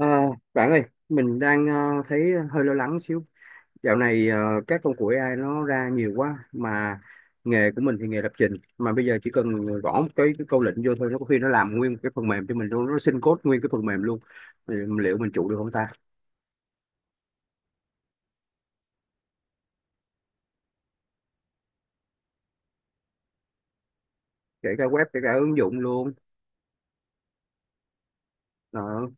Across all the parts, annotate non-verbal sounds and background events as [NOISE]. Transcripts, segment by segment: Ờ, bạn ơi, mình đang thấy hơi lo lắng xíu. Dạo này các công cụ AI nó ra nhiều quá mà nghề của mình thì nghề lập trình mà bây giờ chỉ cần gõ một cái câu lệnh vô thôi, nó có khi nó làm nguyên một cái phần mềm cho mình luôn, nó xin code nguyên cái phần mềm luôn. Thì liệu mình trụ được không ta? Kể cả web, kể cả ứng dụng luôn. Đó.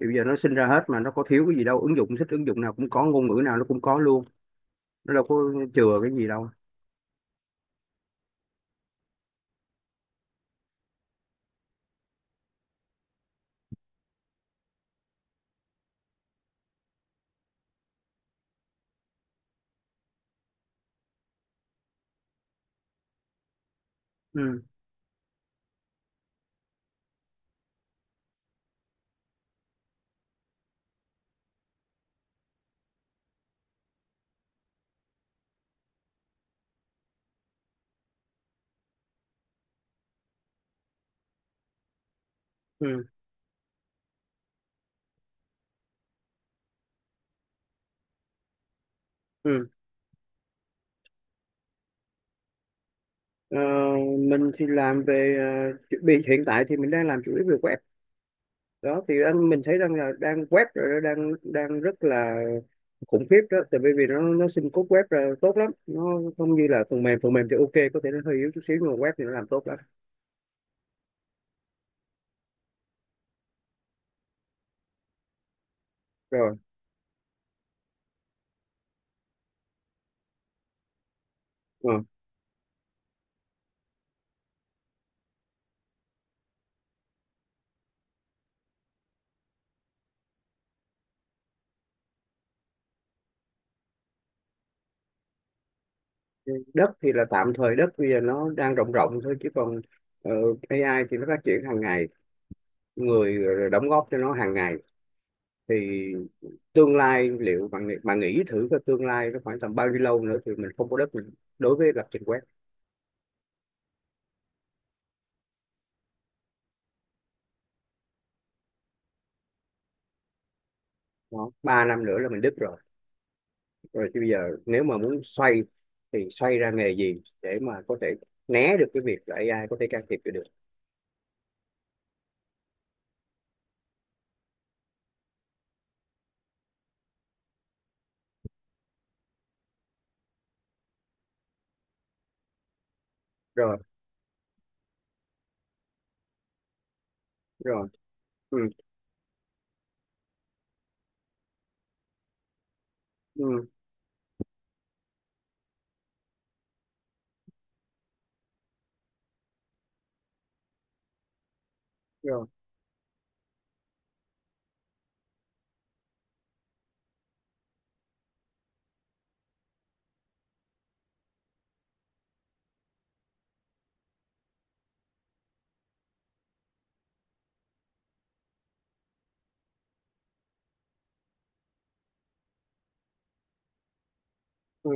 Thì bây giờ nó sinh ra hết mà nó có thiếu cái gì đâu, ứng dụng thích ứng dụng nào cũng có, ngôn ngữ nào nó cũng có luôn. Nó đâu có chừa cái gì đâu. Ừ, ừ, ừ. Ờ, mình thì làm về chuẩn bị hiện tại thì mình đang làm chủ yếu về web. Đó thì anh mình thấy đang là đang web rồi đó, đang đang rất là khủng khiếp đó, tại vì vì nó xin code web là tốt lắm, nó không như là phần mềm. Phần mềm thì ok, có thể nó hơi yếu chút xíu, nhưng mà web thì nó làm tốt lắm. Rồi ờ. Đất thì là tạm thời, đất bây giờ nó đang rộng rộng thôi, chứ còn ờ, AI thì nó phát triển hàng ngày, người đóng góp cho nó hàng ngày. Thì tương lai liệu bạn nghĩ, thử cái tương lai nó khoảng tầm bao nhiêu lâu nữa thì mình không có đất, mình đối với lập trình web. Đó. Ba năm nữa là mình đứt rồi. Rồi thì bây giờ nếu mà muốn xoay thì xoay ra nghề gì để mà có thể né được cái việc là AI có thể can thiệp vô được. Rồi rồi ừ, ừ, rồi ừ.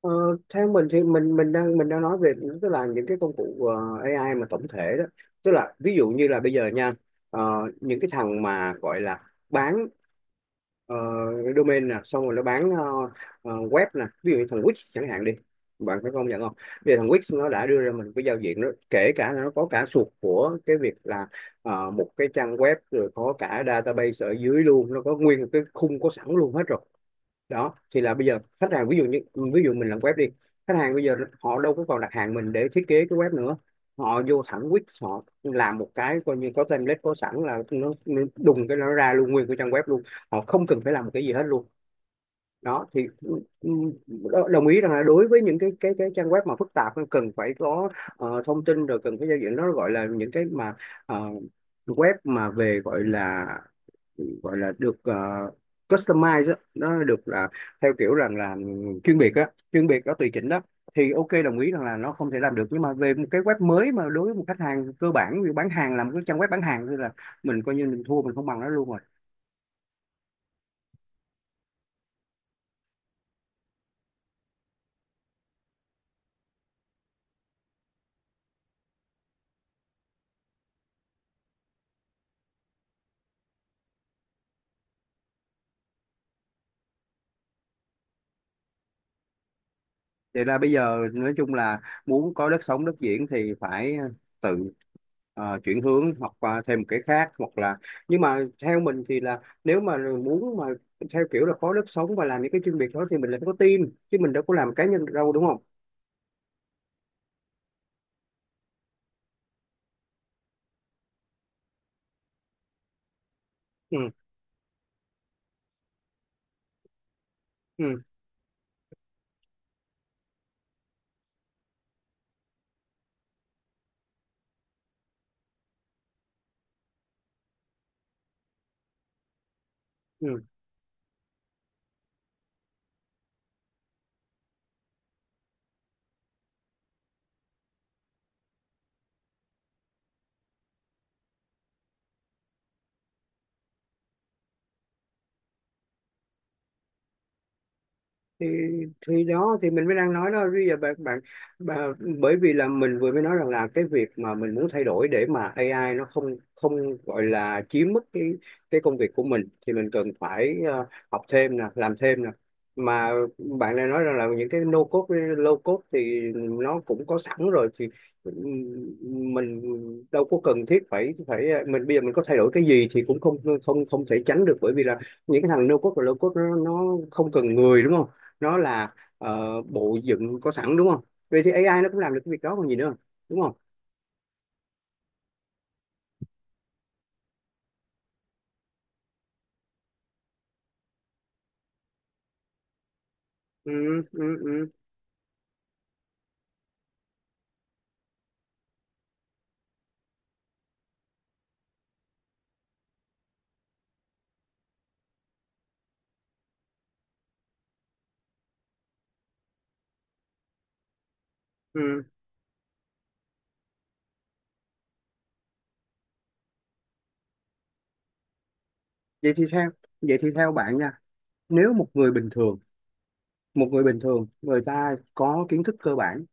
Ờ, theo mình thì mình đang nói về, tức là những cái công cụ AI mà tổng thể đó. Tức là ví dụ như là bây giờ nha, ờ, những cái thằng mà gọi là bán ờ, domain nè, xong rồi nó bán web nè, ví dụ như thằng Wix chẳng hạn đi. Bạn phải công nhận không, bây giờ thằng Wix nó đã đưa ra mình cái giao diện đó, kể cả là nó có cả suột của cái việc là một cái trang web, rồi có cả database ở dưới luôn, nó có nguyên một cái khung có sẵn luôn hết rồi. Đó thì là bây giờ khách hàng, ví dụ như, ví dụ mình làm web đi, khách hàng bây giờ họ đâu có còn đặt hàng mình để thiết kế cái web nữa. Họ vô thẳng Wix, họ làm một cái coi như có template có sẵn, là nó đùng cái nó ra luôn nguyên cái trang web luôn, họ không cần phải làm một cái gì hết luôn. Đó thì ừ, đồng ý rằng là đối với những cái trang web mà phức tạp, nó cần phải có thông tin, rồi cần phải giao diện, nó gọi là những cái mà ờ, web mà về gọi là, Ừ, gọi là được customize á, nó được là theo kiểu rằng là chuyên biệt á, chuyên biệt đó, tùy chỉnh đó. Thì ok, đồng ý rằng là nó không thể làm được, nhưng mà về một cái web mới mà đối với một khách hàng cơ bản như bán hàng, làm cái trang web bán hàng, thì là mình coi như mình thua, mình không bằng nó luôn rồi. Vậy là bây giờ nói chung là muốn có đất sống, đất diễn thì phải tự chuyển hướng hoặc qua thêm một cái khác hoặc là, nhưng mà theo mình thì là nếu mà muốn mà theo kiểu là có đất sống và làm những cái chuyên biệt đó thì mình lại phải có team, chứ mình đâu có làm cá nhân được đâu, đúng không? Ừ, ừ, ừ. thì thì đó thì mình mới đang nói đó. Bây giờ bạn bạn bà, bởi vì là mình vừa mới nói rằng là cái việc mà mình muốn thay đổi để mà AI nó không, không gọi là chiếm mất cái công việc của mình, thì mình cần phải học thêm nè, làm thêm nè. Mà bạn này nói rằng là những cái no code với low code thì nó cũng có sẵn rồi, thì mình đâu có cần thiết phải, mình bây giờ mình có thay đổi cái gì thì cũng không, không thể tránh được, bởi vì là những cái thằng no code và low code nó không cần người, đúng không? Nó là bộ dựng có sẵn, đúng không? Vậy thì AI nó cũng làm được cái việc đó còn gì nữa, đúng không? Ừ, ừ, ừ, ừ. vậy thì theo Vậy thì theo bạn nha, nếu một người bình thường, một người bình thường người ta có kiến thức cơ bản,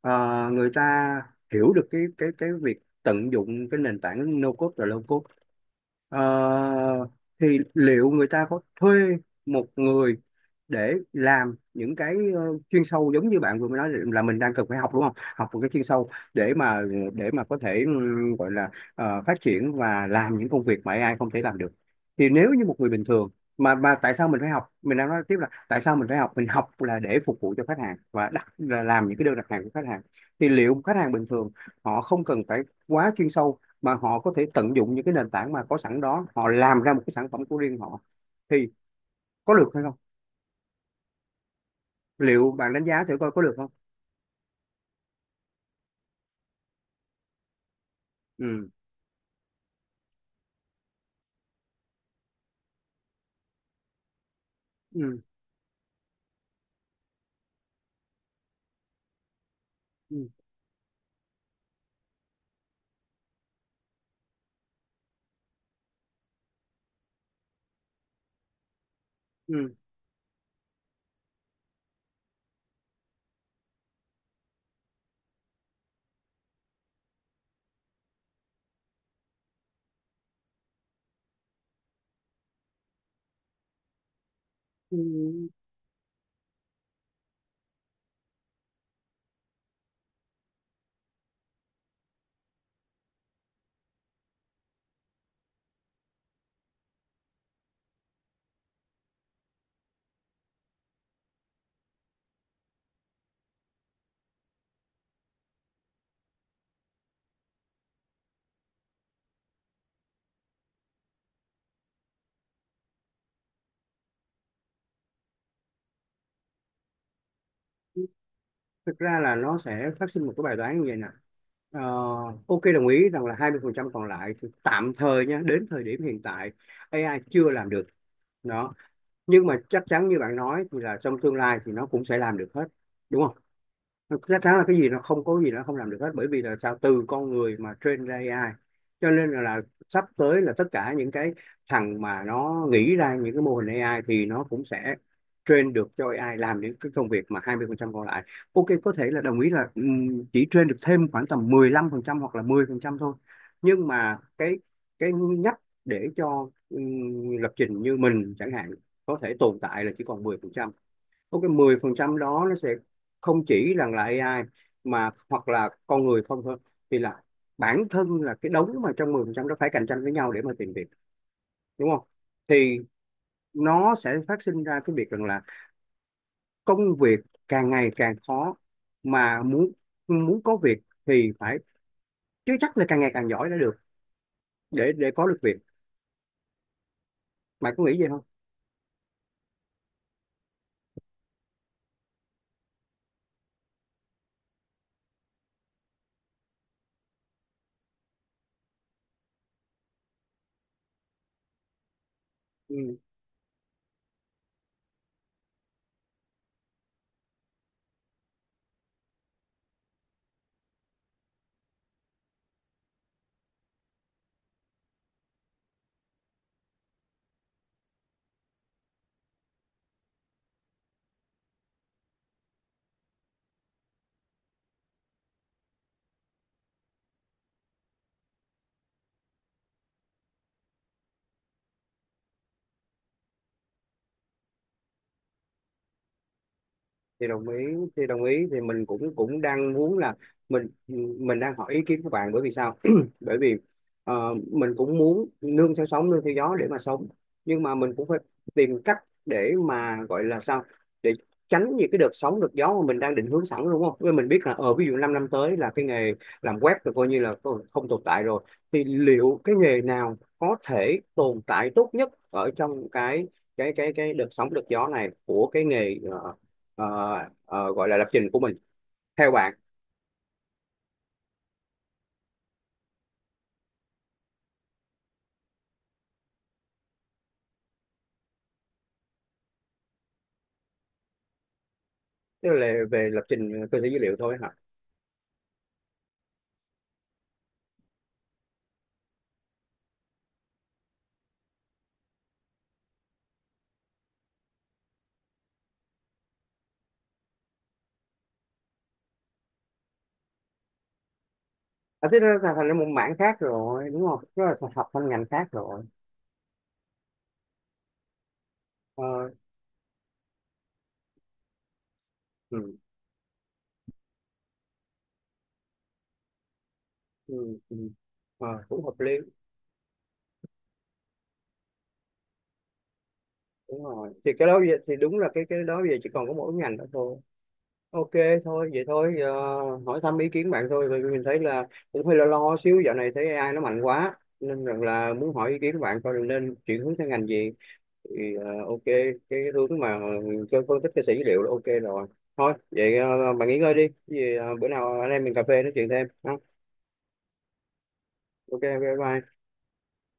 người ta hiểu được cái việc tận dụng cái nền tảng no code và low code, ờ, thì liệu người ta có thuê một người để làm những cái chuyên sâu giống như bạn vừa mới nói là mình đang cần phải học đúng không, học một cái chuyên sâu để mà, để mà có thể gọi là phát triển và làm những công việc mà AI không thể làm được. Thì nếu như một người bình thường mà, tại sao mình phải học, mình đang nói tiếp là tại sao mình phải học, mình học là để phục vụ cho khách hàng và đặt là làm những cái đơn đặt hàng của khách hàng. Thì liệu khách hàng bình thường họ không cần phải quá chuyên sâu, mà họ có thể tận dụng những cái nền tảng mà có sẵn đó, họ làm ra một cái sản phẩm của riêng họ, thì có được hay không? Liệu bạn đánh giá thử coi có được không? ừ ừ ừ ừ ừ. Thực ra là nó sẽ phát sinh một cái bài toán như vậy nè. Ờ, ok, đồng ý rằng là 20% còn lại thì tạm thời nha, đến thời điểm hiện tại AI chưa làm được. Đó. Nhưng mà chắc chắn như bạn nói thì là trong tương lai thì nó cũng sẽ làm được hết, đúng không? Thực ra thắng là cái gì, nó không có gì nó không làm được hết, bởi vì là sao, từ con người mà train ra AI. Cho nên là sắp tới là tất cả những cái thằng mà nó nghĩ ra những cái mô hình AI thì nó cũng sẽ train được cho AI làm những cái công việc mà 20% còn lại. Ok, có thể là đồng ý là chỉ train được thêm khoảng tầm 15% hoặc là 10% thôi. Nhưng mà cái nhắc để cho lập trình như mình chẳng hạn có thể tồn tại là chỉ còn 10%. Có cái 10% đó nó sẽ không chỉ rằng là AI, mà hoặc là con người không thôi, thì là bản thân là cái đống mà trong 10% đó phải cạnh tranh với nhau để mà tìm việc, đúng không? Thì nó sẽ phát sinh ra cái việc rằng là công việc càng ngày càng khó, mà muốn, muốn có việc thì phải, chứ chắc là càng ngày càng giỏi đã được, để có được việc. Mày có nghĩ vậy không? Ừ. thì đồng ý thì đồng ý, thì mình cũng cũng đang muốn là, mình mình đang hỏi ý kiến của bạn, bởi vì sao [CLEARS THROAT] bởi vì mình cũng muốn nương theo sóng nương theo gió để mà sống. Nhưng mà mình cũng phải tìm cách để mà gọi là sao, để tránh những cái đợt sóng đợt gió mà mình đang định hướng sẵn, đúng không? Với mình biết là ở ví dụ 5 năm năm tới là cái nghề làm web là coi như là không, không tồn tại rồi. Thì liệu cái nghề nào có thể tồn tại tốt nhất ở trong cái cái đợt sóng đợt gió này của cái nghề ờ, gọi là lập trình của mình, theo bạn? Tức là về lập trình cơ sở dữ liệu thôi hả? À, thế nó thành, thành ra một mảng khác rồi đúng không, nó là học thành ngành khác rồi. Ờ, ừ, ừ, ừ. Ờ, cũng hợp lý. Đúng rồi thì cái đó bây giờ, thì đúng là cái đó bây giờ chỉ còn có mỗi ngành đó thôi. Ok, thôi vậy thôi giờ, hỏi thăm ý kiến bạn thôi, vì mình thấy là cũng hơi lo lo xíu, dạo này thấy AI nó mạnh quá nên rằng là muốn hỏi ý kiến của bạn coi là nên chuyển hướng sang ngành gì. Thì à, ok, cái hướng mà cho phân tích cái sẻ dữ liệu là ok rồi. Thôi vậy à, bạn nghỉ ngơi đi. Cái gì à, bữa nào anh em mình cà phê nói chuyện thêm ha. Ok, ok, bye bye.